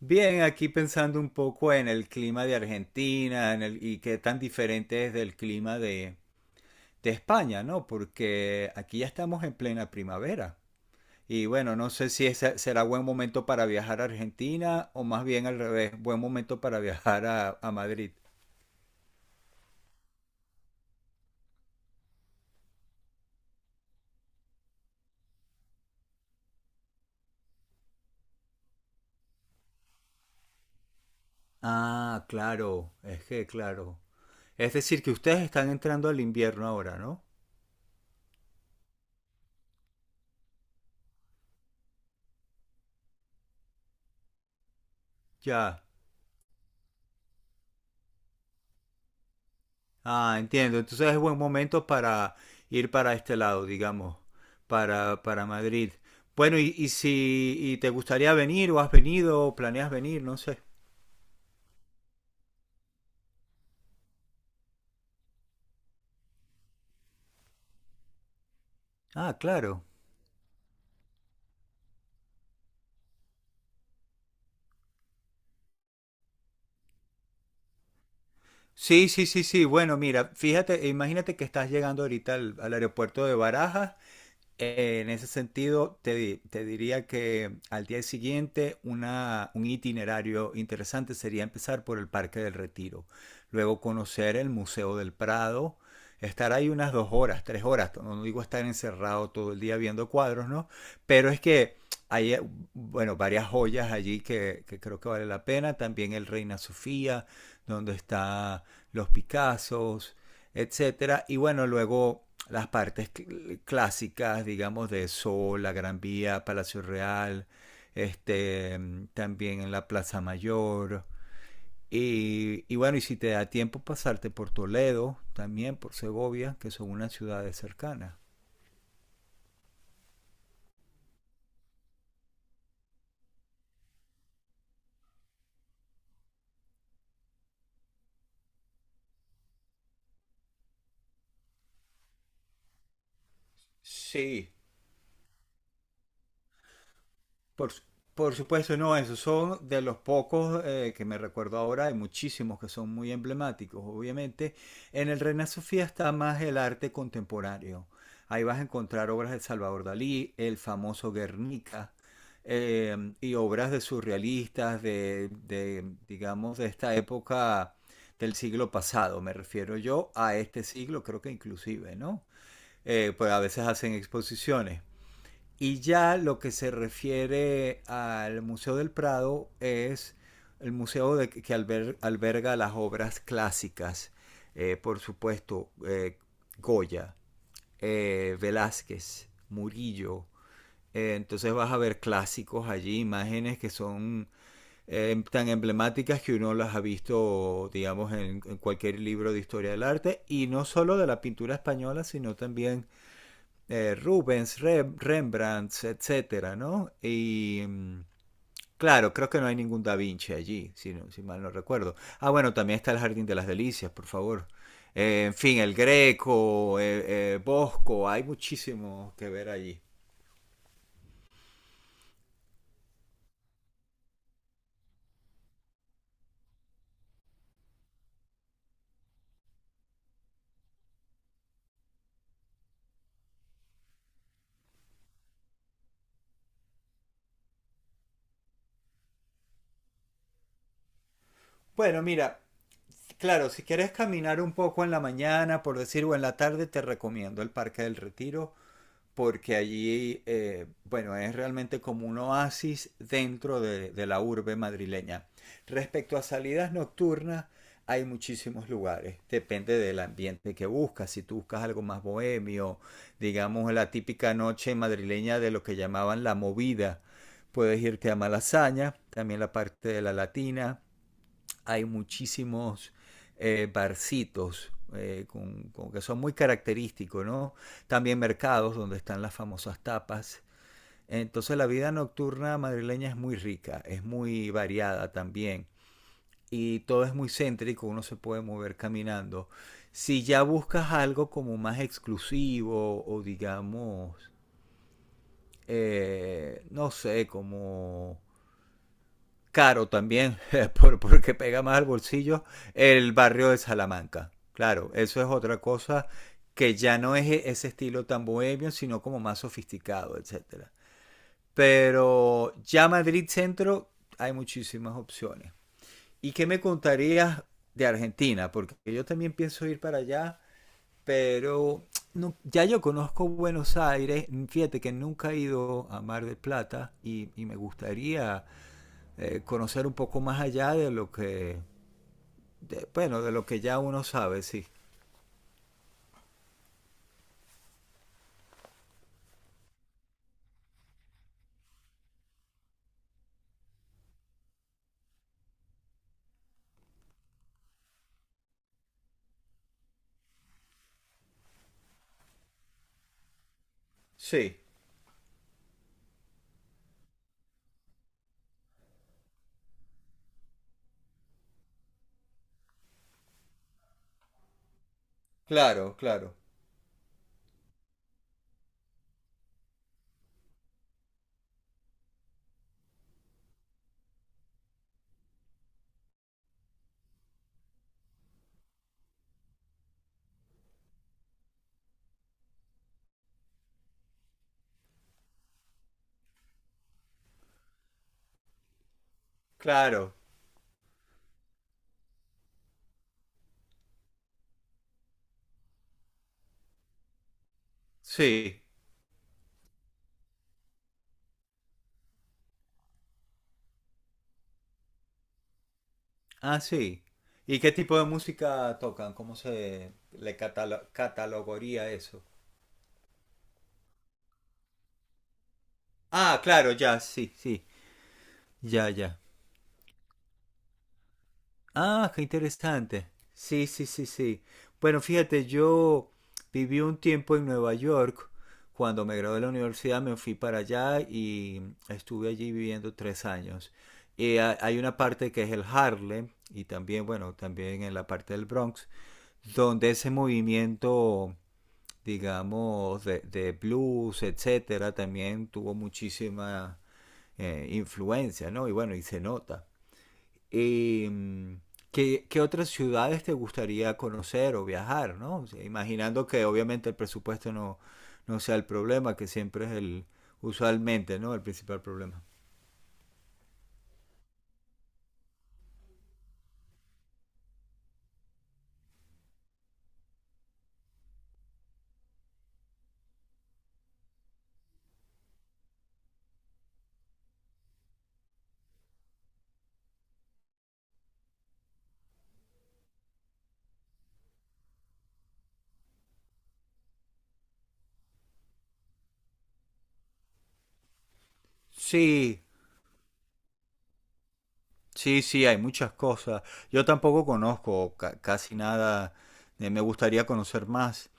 Bien, aquí pensando un poco en el clima de Argentina y qué tan diferente es del clima de España, ¿no? Porque aquí ya estamos en plena primavera. Y bueno, no sé si ese será buen momento para viajar a Argentina o más bien al revés, buen momento para viajar a Madrid. Ah, claro, es que claro. Es decir, que ustedes están entrando al invierno ahora, ¿no? Ya. Ah, entiendo. Entonces es buen momento para ir para este lado, digamos, para Madrid. Bueno, y si y te gustaría venir o has venido o planeas venir, no sé. Ah, claro. Sí, sí, sí, sí. Bueno, mira, fíjate, imagínate que estás llegando ahorita al aeropuerto de Barajas. En ese sentido, te diría que al día siguiente un itinerario interesante sería empezar por el Parque del Retiro, luego conocer el Museo del Prado, estar ahí unas 2 horas, 3 horas. No digo estar encerrado todo el día viendo cuadros, ¿no? Pero es que hay, bueno, varias joyas allí que creo que vale la pena, también el Reina Sofía, donde están los Picassos, etcétera. Y bueno, luego las partes clásicas, digamos, de Sol, la Gran Vía, Palacio Real, este, también en la Plaza Mayor. Y bueno, y si te da tiempo pasarte por Toledo, también por Segovia, que son unas ciudades cercanas. Sí, Por, su- por supuesto, no, esos son de los pocos que me recuerdo ahora, hay muchísimos que son muy emblemáticos, obviamente. En el Reina Sofía está más el arte contemporáneo. Ahí vas a encontrar obras de Salvador Dalí, el famoso Guernica, y obras de surrealistas de, digamos, de esta época del siglo pasado, me refiero yo a este siglo, creo que inclusive, ¿no? Pues a veces hacen exposiciones. Y ya lo que se refiere al Museo del Prado es el museo que alberga las obras clásicas, por supuesto, Goya, Velázquez, Murillo. Entonces vas a ver clásicos allí, imágenes que son tan emblemáticas que uno las ha visto, digamos, en, cualquier libro de historia del arte, y no solo de la pintura española, sino también Rubens, Rembrandt, etcétera, ¿no? Y claro, creo que no hay ningún Da Vinci allí, si mal no recuerdo. Ah, bueno, también está el Jardín de las Delicias, por favor. En fin, el Greco, Bosco, hay muchísimo que ver allí. Bueno, mira, claro, si quieres caminar un poco en la mañana, por decir, o en la tarde, te recomiendo el Parque del Retiro, porque allí, bueno, es realmente como un oasis dentro de la urbe madrileña. Respecto a salidas nocturnas, hay muchísimos lugares, depende del ambiente que buscas. Si tú buscas algo más bohemio, digamos la típica noche madrileña de lo que llamaban la movida, puedes irte a Malasaña, también la parte de la latina, hay muchísimos barcitos con que son muy característicos, ¿no? También mercados donde están las famosas tapas. Entonces la vida nocturna madrileña es muy rica, es muy variada también y todo es muy céntrico, uno se puede mover caminando. Si ya buscas algo como más exclusivo o digamos, no sé, como caro también, porque pega más al bolsillo, el barrio de Salamanca. Claro, eso es otra cosa que ya no es ese estilo tan bohemio, sino como más sofisticado, etcétera. Pero ya Madrid Centro hay muchísimas opciones. ¿Y qué me contarías de Argentina? Porque yo también pienso ir para allá, pero ya yo conozco Buenos Aires. Fíjate que nunca he ido a Mar del Plata y me gustaría conocer un poco más allá de lo que, bueno, de lo que ya uno sabe, sí. Sí, claro, claro, claro, sí. Ah, sí. ¿Y qué tipo de música tocan? ¿Cómo se le catalogaría eso? Ah, claro, ya, sí. Sí, ya, ya. Ah, qué interesante. Sí, sí, sí, sí. Bueno, fíjate, yo viví un tiempo en Nueva York. Cuando me gradué de la universidad me fui para allá y estuve allí viviendo 3 años. Y hay una parte que es el Harlem y también, bueno, también en la parte del Bronx, donde ese movimiento, digamos, de blues, etcétera, también tuvo muchísima influencia, ¿no? Y bueno, y se nota. Eh, ¿Qué otras ciudades te gustaría conocer o viajar, ¿no? O sea, imaginando que obviamente el presupuesto no sea el problema, que siempre es el, usualmente, ¿no? El principal problema. Sí, sí, sí, hay muchas cosas. Yo tampoco conozco casi nada. Me gustaría conocer más.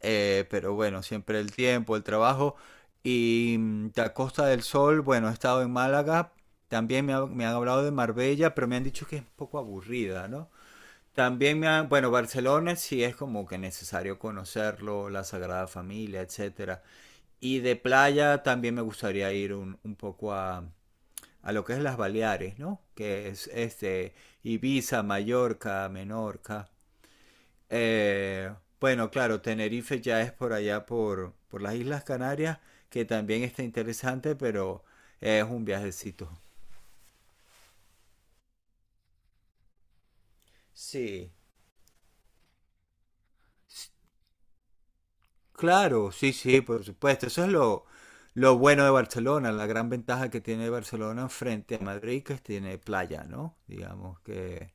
Pero bueno, siempre el tiempo, el trabajo. Y de a Costa del Sol, bueno, he estado en Málaga, también me han hablado de Marbella, pero me han dicho que es un poco aburrida, ¿no? También me han, bueno, Barcelona sí es como que necesario conocerlo, la Sagrada Familia, etcétera. Y de playa también me gustaría ir un poco a lo que es las Baleares, ¿no? Que es este Ibiza, Mallorca, Menorca. Eh, bueno, claro, Tenerife ya es por allá por las Islas Canarias, que también está interesante, pero es un viajecito. Sí. S- Claro, sí, sí, por supuesto. Eso es lo bueno de Barcelona, la gran ventaja que tiene Barcelona frente a Madrid, que tiene playa, ¿no? Digamos que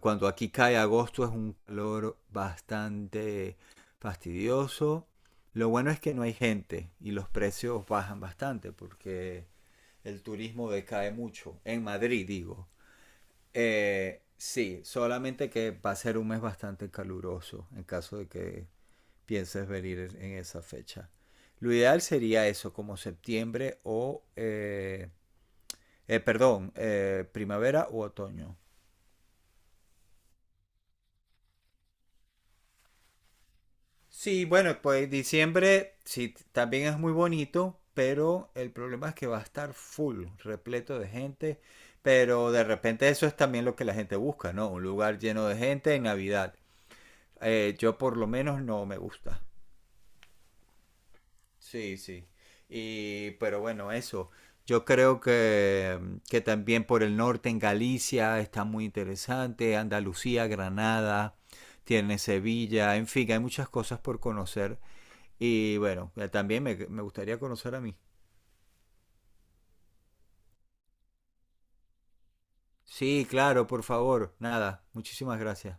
cuando aquí cae agosto es un calor bastante fastidioso. Lo bueno es que no hay gente y los precios bajan bastante porque el turismo decae mucho. En Madrid, digo. Sí, solamente que va a ser un mes bastante caluroso en caso de que pienses venir en esa fecha. Lo ideal sería eso, como septiembre o, perdón, primavera u otoño. Sí, bueno, pues diciembre sí, también es muy bonito, pero el problema es que va a estar full, repleto de gente, pero de repente eso es también lo que la gente busca, ¿no? Un lugar lleno de gente en Navidad. Yo por lo menos no me gusta. Sí, sí. Y, pero bueno, eso. Yo creo que también por el norte en Galicia está muy interesante, Andalucía, Granada, tiene Sevilla, en fin, hay muchas cosas por conocer y bueno, también me gustaría conocer a mí. Sí, claro, por favor. Nada, muchísimas gracias.